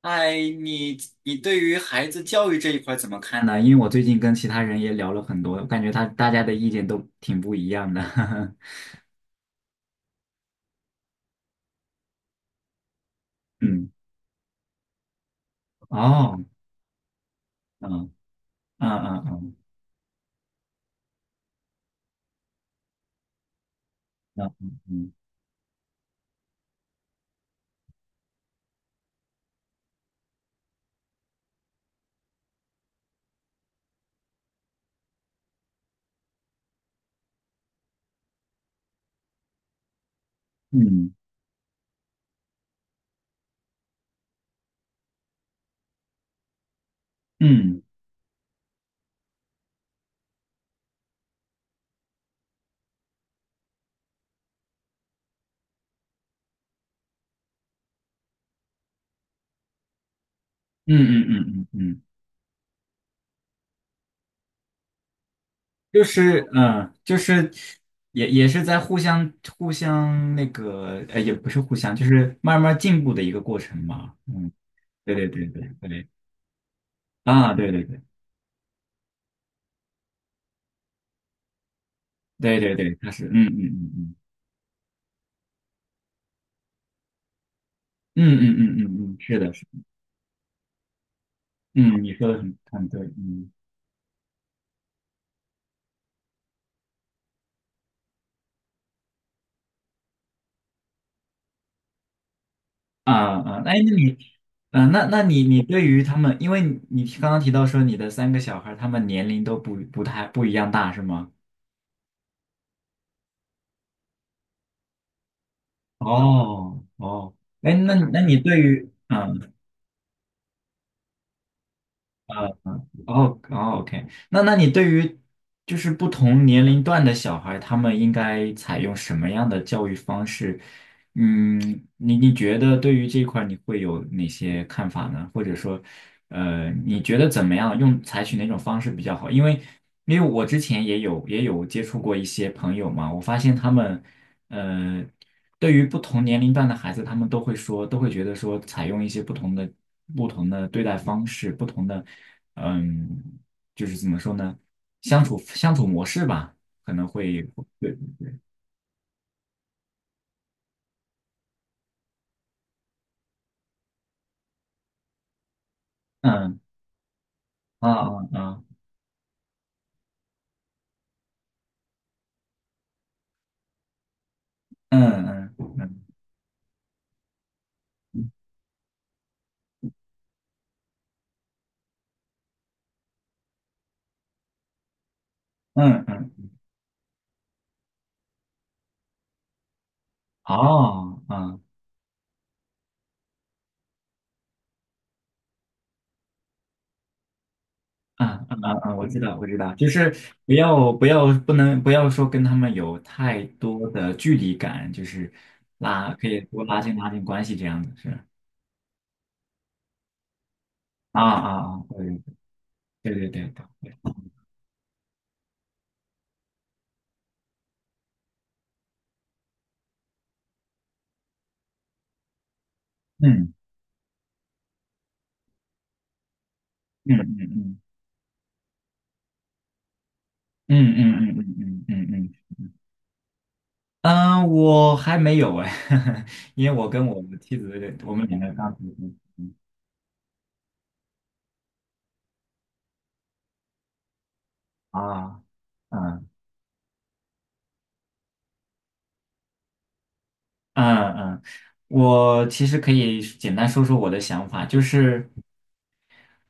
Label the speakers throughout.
Speaker 1: 哎，你你对于孩子教育这一块儿怎么看呢？因为我最近跟其他人也聊了很多，我感觉大家的意见都挺不一样的。嗯。哦。嗯嗯嗯嗯嗯嗯嗯嗯嗯嗯嗯嗯。嗯嗯。就是也是在互相那个，也不是互相，就是慢慢进步的一个过程嘛。嗯。对对对对对。啊，对对对对对对，他是。嗯嗯嗯嗯嗯嗯嗯嗯嗯。是的，是的。嗯。你说的很对。嗯。啊啊。哎，那你。啊，那你对于他们，因为你刚刚提到说你的三个小孩，他们年龄都不太不一样大，是吗？哦哦。哎，那你对于。嗯、嗯。哦哦。OK。那你对于就是不同年龄段的小孩，他们应该采用什么样的教育方式？嗯。你觉得对于这一块儿你会有哪些看法呢？或者说，你觉得怎么样采取哪种方式比较好？因为我之前也有接触过一些朋友嘛，我发现他们。呃。对于不同年龄段的孩子，他们都会说，都会觉得说，采用一些不同的对待方式，不同的。嗯。就是怎么说呢，相处模式吧，可能会。对。嗯。啊啊啊。嗯嗯嗯嗯嗯。哦。嗯嗯嗯嗯嗯。我知道，我知道，就是不要说跟他们有太多的距离感，就是可以多拉近拉近关系这样子，是。啊啊啊。对对对对对对。嗯嗯嗯嗯嗯嗯嗯嗯嗯嗯嗯。嗯。我还没有哎。因为我跟我的妻子，我们两个刚结婚。嗯啊。嗯嗯嗯。我其实可以简单说说我的想法，就是。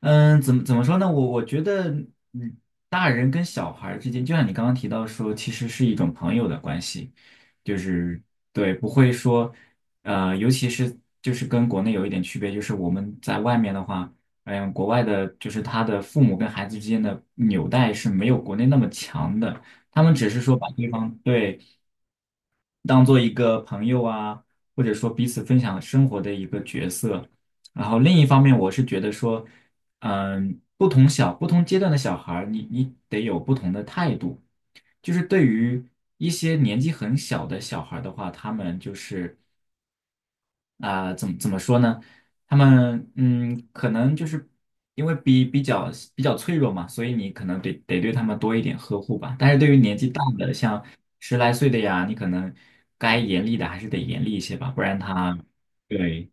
Speaker 1: 嗯。怎么说呢？我觉得，嗯，大人跟小孩儿之间，就像你刚刚提到说，其实是一种朋友的关系，就是对，不会说，尤其是就是跟国内有一点区别，就是我们在外面的话，国外的就是他的父母跟孩子之间的纽带是没有国内那么强的，他们只是说把对方当做一个朋友啊，或者说彼此分享生活的一个角色。然后另一方面，我是觉得说，不同阶段的小孩儿，你得有不同的态度。就是对于一些年纪很小的小孩儿的话，他们就是。啊、怎么说呢？他们可能就是因为比较脆弱嘛，所以你可能得对他们多一点呵护吧。但是对于年纪大的，像十来岁的呀，你可能该严厉的还是得严厉一些吧，不然他。对。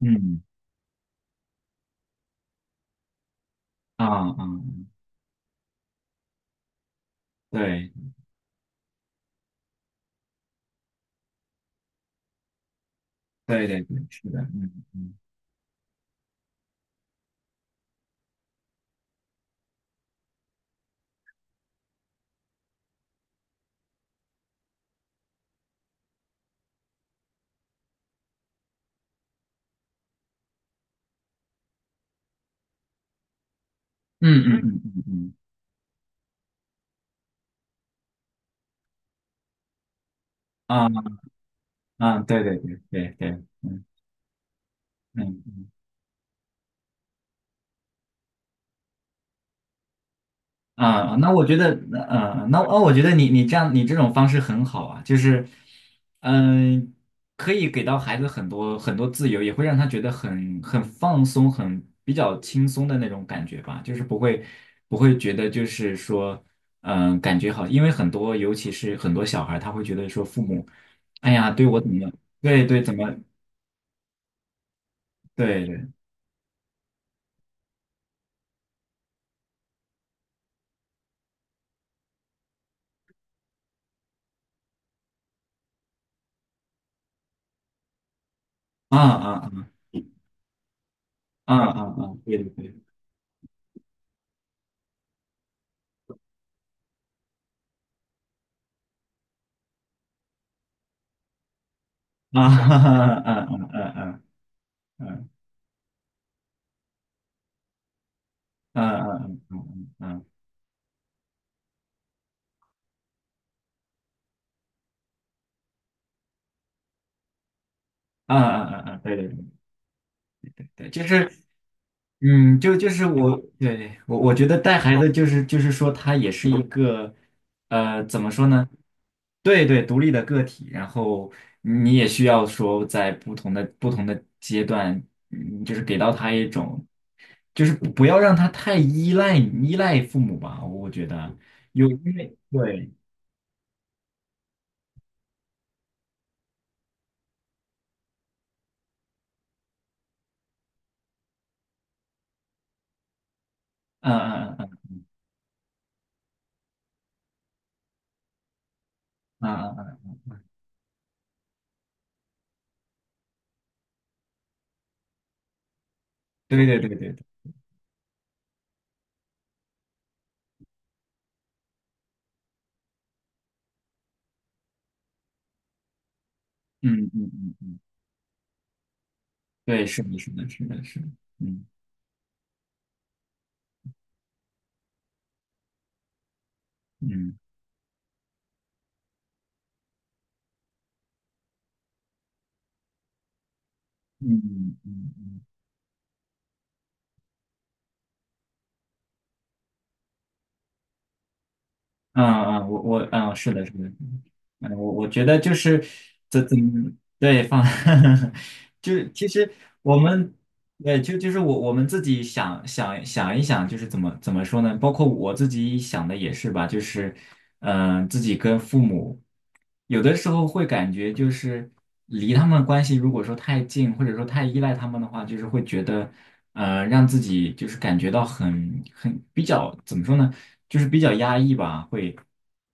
Speaker 1: 嗯。啊啊。嗯。对对对对，是的。嗯嗯嗯嗯嗯嗯嗯。啊啊。对对对对对。嗯嗯。啊，那我觉得，那我觉得你这种方式很好啊，就是。嗯、可以给到孩子很多很多自由，也会让他觉得很放松，比较轻松的那种感觉吧，就是不会觉得就是说。感觉好，因为很多尤其是很多小孩儿他会觉得说父母，哎呀，对我怎么样。对对怎么对对。啊啊啊啊啊啊。对对对。啊哈哈。 啊啊啊啊啊啊啊啊啊啊。啊。嗯嗯嗯嗯。对对对对。就是嗯，就是我。对对。我觉得带孩子就是说他也是一个，怎么说呢？对对，独立的个体，然后你也需要说在不同的阶段。就是给到他一种，就是不要让他太依赖父母吧，我觉得有因为对。嗯嗯嗯嗯嗯嗯嗯。对对对对对。嗯嗯嗯嗯。对，是的，是的，是的，是的。嗯嗯。嗯嗯嗯嗯。啊啊我嗯。是的，是的，是的。我觉得就是怎么。对。放。就是其实我们对就是我们自己想一想，就是怎么说呢？包括我自己想的也是吧，就是自己跟父母。有的时候会感觉就是离他们关系如果说太近，或者说太依赖他们的话，就是会觉得，让自己就是感觉到比较怎么说呢，就是比较压抑吧，会。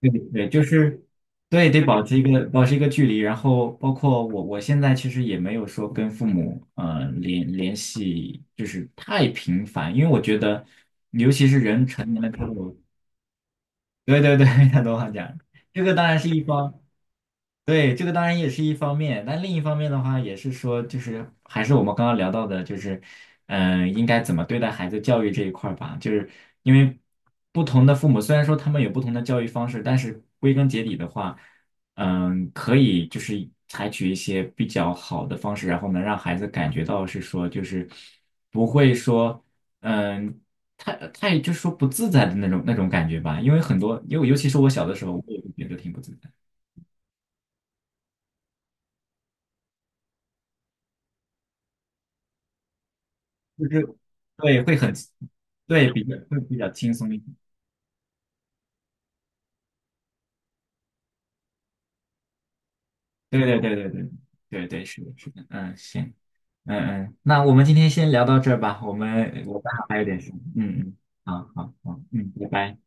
Speaker 1: 对对，就是对，得保持一个距离，然后包括我现在其实也没有说跟父母联系就是太频繁，因为我觉得。对对对。他都话讲。这个当然是一方。对，这个当然也是一方面，但另一方面的话，也是说，就是还是我们刚刚聊到的，就是。应该怎么对待孩子教育这一块儿吧，就是因为不同的父母，虽然说他们有不同的教育方式，但是归根结底的话，可以就是采取一些比较好的方式，然后能让孩子感觉到是说，就是不会说。嗯，太就是说不自在的那种那种感觉吧，因为很多，因为尤其是我小的时候，我也会觉得挺不自在，就是对，会很，对，会比较轻松一点。对对对对对对对。是的，是的。嗯，行。嗯嗯。那我们今天先聊到这儿吧，我刚好还有点事。嗯嗯。好好好。嗯。拜拜。